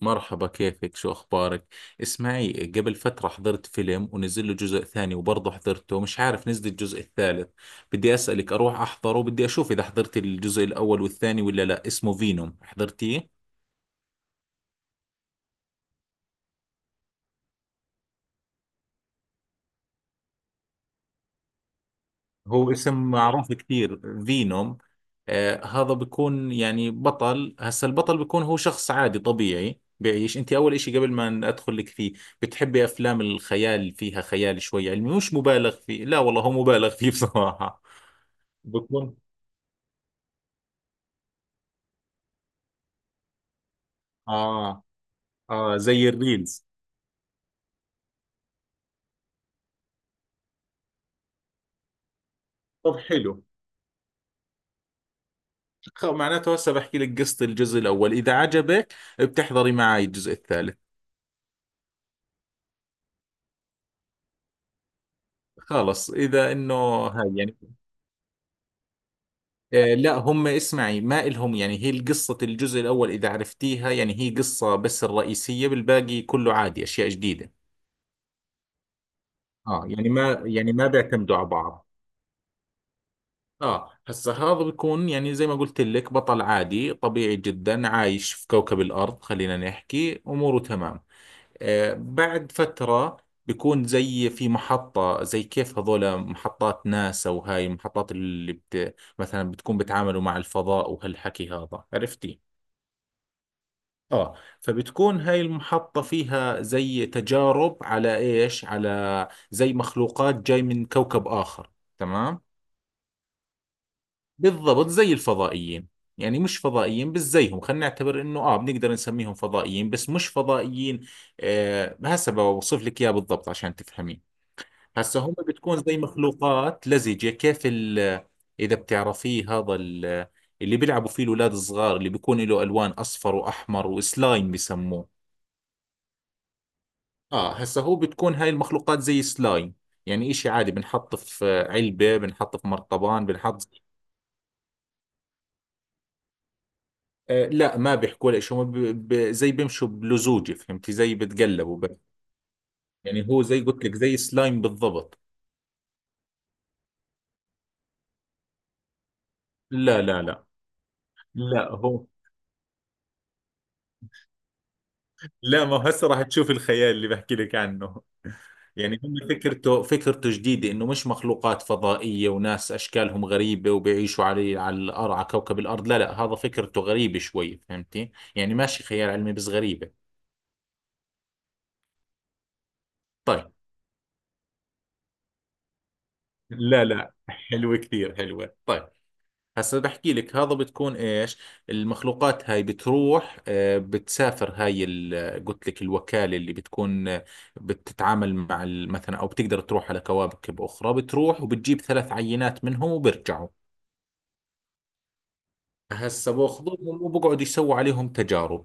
مرحبا، كيفك؟ شو أخبارك؟ اسمعي، قبل فترة حضرت فيلم ونزل له جزء ثاني وبرضه حضرته، مش عارف نزل الجزء الثالث. بدي أسألك أروح أحضره، بدي أشوف إذا حضرت الجزء الأول والثاني ولا لا. اسمه فينوم، حضرتيه؟ هو اسم معروف كثير، فينوم. آه، هذا بيكون يعني بطل. هسا البطل بيكون هو شخص عادي طبيعي بيعيش. انت اول اشي قبل ما ادخل لك فيه، بتحبي افلام الخيال فيها خيال شوي علمي مش مبالغ فيه؟ لا والله هو مبالغ فيه بصراحة. بكون. اه اه، زي الريلز. طب حلو. معناته هسه بحكي لك قصة الجزء الأول، إذا عجبك بتحضري معي الجزء الثالث. خلص إذا إنه. هاي يعني. آه لا هم. اسمعي، ما إلهم يعني، هي قصة الجزء الأول إذا عرفتيها، يعني هي قصة بس الرئيسية، بالباقي كله عادي أشياء جديدة. اه، يعني ما بيعتمدوا على بعض. اه هسا، هذا بيكون يعني زي ما قلت لك بطل عادي طبيعي جدا عايش في كوكب الأرض، خلينا نحكي أموره تمام. بعد فترة بيكون زي في محطة، زي كيف هذول محطات ناسا، وهاي المحطات اللي مثلا بتكون بتعاملوا مع الفضاء وهالحكي هذا، عرفتي؟ اه. فبتكون هاي المحطة فيها زي تجارب على ايش؟ على زي مخلوقات جاي من كوكب آخر. تمام؟ بالضبط، زي الفضائيين. يعني مش فضائيين بس زيهم، خلينا نعتبر انه اه بنقدر نسميهم فضائيين بس مش فضائيين. آه هسه بوصف لك اياه بالضبط عشان تفهمي. هسه هم بتكون زي مخلوقات لزجة، كيف ال. إذا بتعرفيه هذا ال، اللي بيلعبوا فيه الأولاد الصغار، اللي بيكون له ألوان أصفر وأحمر، وسلايم بسموه. آه هسه هو بتكون هاي المخلوقات زي سلايم. يعني إشي عادي، بنحط في علبة، بنحط في مرطبان، بنحط. آه لا، ما بيحكوا لك. زي بيمشوا بلزوجة، فهمتي؟ زي بتقلبوا. يعني هو زي قلت لك، زي سلايم بالضبط. لا لا لا. لا هو. لا، ما هسه راح تشوف الخيال اللي بحكي لك عنه. يعني هم فكرته فكرته جديدة، انه مش مخلوقات فضائية وناس اشكالهم غريبة وبيعيشوا على على الارض، على كوكب الارض. لا لا، هذا فكرته غريبة شوي، فهمتي؟ يعني ماشي خيال علمي بس غريبة. طيب. لا لا، حلوة كثير حلوة، طيب. هسا بحكي لك. هذا بتكون ايش؟ المخلوقات هاي بتروح، بتسافر. هاي قلت لك الوكالة اللي بتكون، بتتعامل مع مثلا، او بتقدر تروح على كواكب اخرى. بتروح وبتجيب ثلاث عينات منهم وبرجعوا. هسه باخذوهم وبقعد يسووا عليهم تجارب.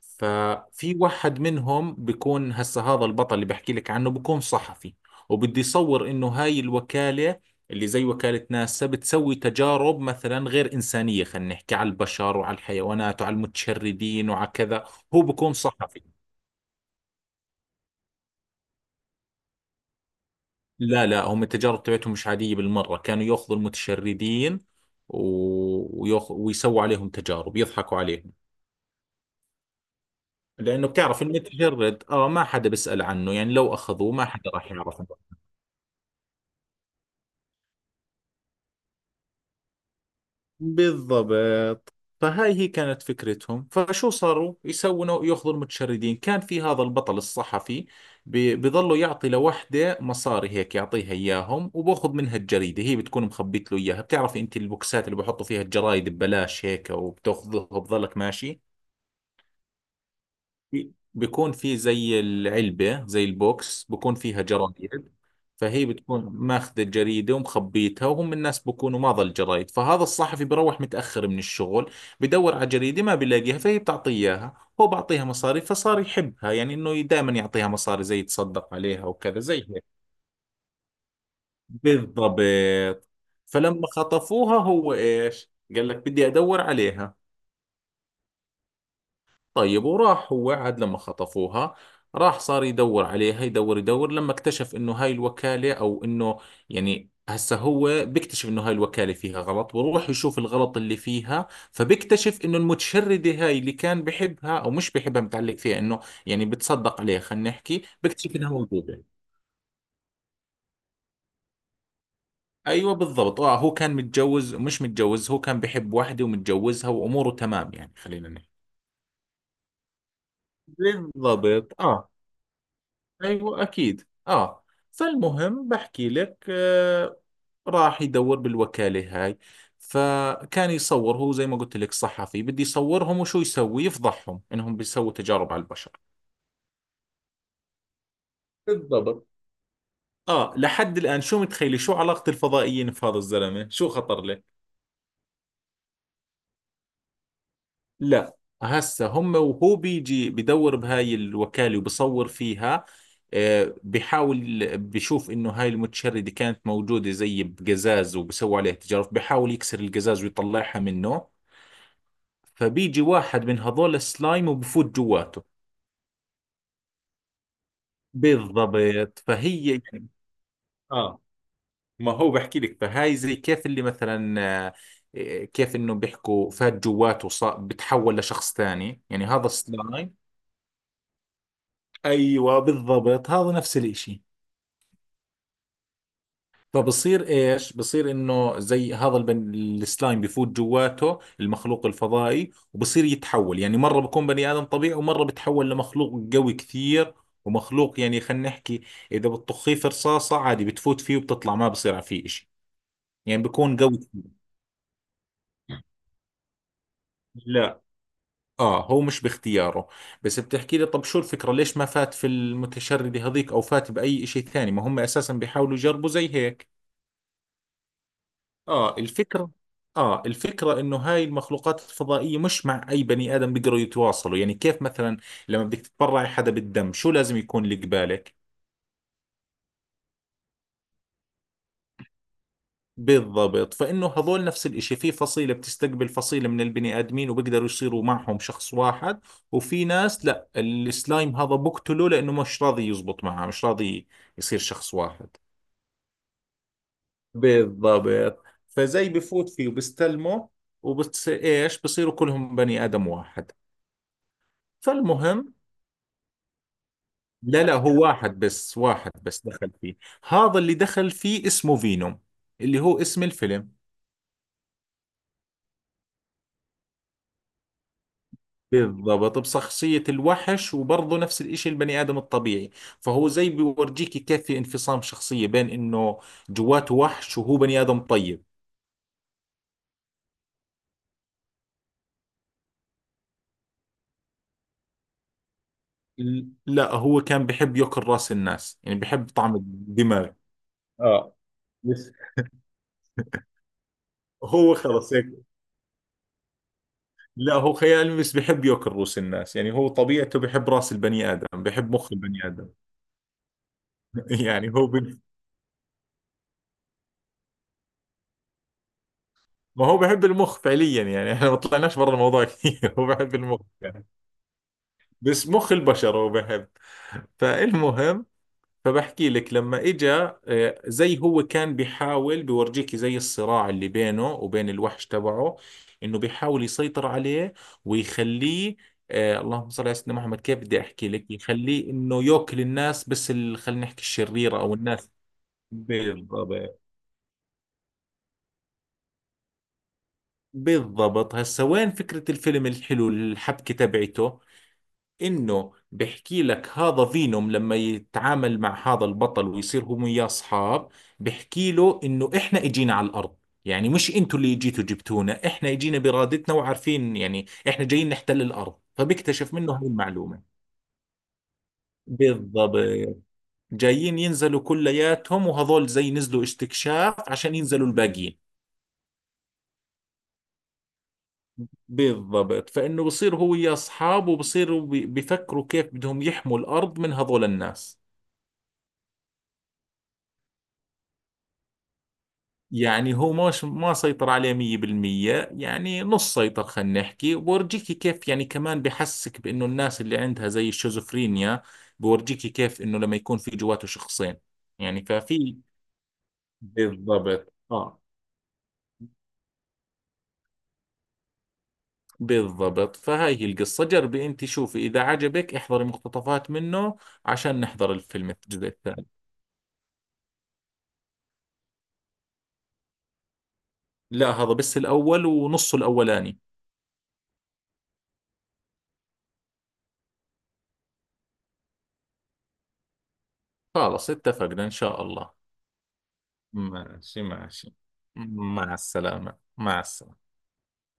ففي واحد منهم بيكون، هسه هذا البطل اللي بحكي لك عنه، بيكون صحفي. وبده يصور انه هاي الوكالة اللي زي وكالة ناسا بتسوي تجارب مثلا غير إنسانية، خلينا نحكي، على البشر وعلى الحيوانات وعلى المتشردين وعلى كذا. هو بيكون صحفي. لا لا، هم التجارب تبعتهم مش عادية بالمرة، كانوا ياخذوا المتشردين، ويسووا عليهم تجارب يضحكوا عليهم. لانه بتعرف، المتجرد ما حدا بيسأل عنه، يعني لو اخذوه ما حدا راح يعرف عنه. بالضبط، فهاي هي كانت فكرتهم. فشو صاروا يسووا؟ ياخذوا المتشردين. كان في هذا البطل الصحفي بيظلوا يعطي لوحده مصاري هيك يعطيها اياهم، وباخذ منها الجريدة. هي بتكون مخبيت له اياها. بتعرفي انت البوكسات اللي بحطوا فيها الجرايد ببلاش هيك؟ وبتاخذها وبظلك ماشي. بيكون في زي العلبة، زي البوكس، بيكون فيها جرايد. فهي بتكون ماخذة الجريدة ومخبيتها، وهم الناس بكونوا ماضى الجرايد، فهذا الصحفي بروح متأخر من الشغل بدور على جريدة ما بيلاقيها، فهي بتعطيه إياها. هو بعطيها مصاري، فصار يحبها، يعني إنه دائما يعطيها مصاري، زي يتصدق عليها وكذا زي هيك. بالضبط. فلما خطفوها هو إيش، قال لك بدي أدور عليها. طيب، وراح. هو عاد لما خطفوها، راح صار يدور عليها، يدور يدور، لما اكتشف انه هاي الوكالة، او انه، يعني هسه هو بيكتشف انه هاي الوكالة فيها غلط، ويروح يشوف الغلط اللي فيها. فبيكتشف انه المتشردة هاي اللي كان بحبها، او مش بحبها، متعلق فيها انه، يعني بتصدق عليها، خلينا نحكي، بيكتشف انها موجودة. ايوه بالضبط. اه هو كان متجوز، مش متجوز، هو كان بحب واحدة ومتجوزها، واموره تمام يعني، خلينا نحكي. بالضبط، اه. ايوه، اكيد، اه. فالمهم، بحكي لك. راح يدور بالوكالة هاي، فكان يصور، هو زي ما قلت لك صحفي، بدي يصورهم. وشو يسوي؟ يفضحهم انهم بيسووا تجارب على البشر. بالضبط. اه، لحد الان، شو متخيلي شو علاقة الفضائيين في هذا الزلمة؟ شو خطر؟ لا. هسه هم، وهو بيجي بدور بهاي الوكالة وبصور فيها، بحاول بشوف انه هاي المتشردة كانت موجودة زي بقزاز، وبسوي عليها تجارب. بحاول يكسر القزاز ويطلعها منه، فبيجي واحد من هذول السلايم وبفوت جواته. بالضبط، فهي يعني. اه، ما هو بحكي لك، فهاي زي كيف اللي مثلا، آه، كيف انه بيحكوا، فات جواته صار بتحول لشخص ثاني، يعني هذا السلايم. ايوه بالضبط، هذا نفس الاشي. فبصير ايش، بصير انه زي هذا السلايم بفوت جواته المخلوق الفضائي، وبصير يتحول، يعني مرة بكون بني ادم طبيعي، ومرة بتحول لمخلوق قوي كثير. ومخلوق يعني، خلينا نحكي، اذا بتطخيه في رصاصة عادي بتفوت فيه وبتطلع، ما بصير فيه اشي. يعني بكون قوي. لا. اه، هو مش باختياره. بس بتحكي لي طب شو الفكرة، ليش ما فات في المتشردة هذيك؟ او فات باي اشي ثاني؟ ما هم اساسا بيحاولوا يجربوا زي هيك. اه، الفكرة. اه، الفكرة انه هاي المخلوقات الفضائية مش مع اي بني ادم بيقدروا يتواصلوا. يعني كيف مثلا لما بدك تتبرعي حدا بالدم، شو لازم يكون اللي قبالك؟ بالضبط، فانه هذول نفس الاشي، في فصيلة بتستقبل فصيلة من البني ادمين، وبيقدروا يصيروا معهم شخص واحد. وفي ناس لا، السلايم هذا بقتله لانه مش راضي يزبط معه، مش راضي يصير شخص واحد. بالضبط. فزي بفوت فيه وبستلمه، وبتصير ايش، بصيروا كلهم بني ادم واحد. فالمهم. لا لا، هو واحد بس، واحد بس دخل فيه. هذا اللي دخل فيه اسمه فينوم، اللي هو اسم الفيلم. بالضبط، بشخصية الوحش، وبرضه نفس الإشي البني آدم الطبيعي. فهو زي بيورجيك كيف في انفصام شخصية بين إنه جواته وحش، وهو بني آدم طيب. لا، هو كان بحب يأكل رأس الناس، يعني بحب طعم الدماغ. اه بس. هو خلص هيك. لا هو خيال، بس بحب يأكل رؤوس الناس، يعني هو طبيعته بحب رأس البني آدم، بحب مخ البني آدم. يعني هو. ما هو بحب المخ فعليا يعني، احنا ما طلعناش برا الموضوع كثير، هو بحب المخ يعني. بس مخ البشر هو بحب. فالمهم، فبحكي لك لما اجى، زي هو كان بيحاول بيورجيك، زي الصراع اللي بينه وبين الوحش تبعه، انه بيحاول يسيطر عليه ويخليه، اللهم صل على سيدنا محمد، كيف بدي احكي لك، يخليه انه ياكل الناس بس خلينا نحكي الشريرة، او الناس. بالضبط، بالضبط. هسا وين فكرة الفيلم الحلو، الحبكة تبعته، انه بحكي لك هذا فينوم لما يتعامل مع هذا البطل ويصير هم وياه اصحاب، بحكي له انه احنا اجينا على الارض. يعني مش انتوا اللي جيتوا جبتونا، احنا اجينا بارادتنا وعارفين يعني احنا جايين نحتل الارض. فبيكتشف منه هاي المعلومة. بالضبط، جايين ينزلوا كلياتهم، وهذول زي نزلوا استكشاف عشان ينزلوا الباقيين. بالضبط، فإنه بصير هو ويا أصحابه بصيروا بيفكروا كيف بدهم يحموا الأرض من هذول الناس. يعني هو مش ما سيطر عليه 100%، يعني نص سيطر خلينا نحكي، وبورجيكي كيف، يعني كمان بحسك بإنه الناس اللي عندها زي الشيزوفرينيا. بورجيكي كيف إنه لما يكون في جواته شخصين. يعني ففي. بالضبط، آه. بالضبط، فهاي هي القصة. جربي أنت، شوفي إذا عجبك احضري مقتطفات منه عشان نحضر الفيلم الجزء الثاني. لا، هذا بس الأول، ونصه الأولاني. خلاص اتفقنا إن شاء الله. ماشي ماشي. مع السلامة، مع السلامة.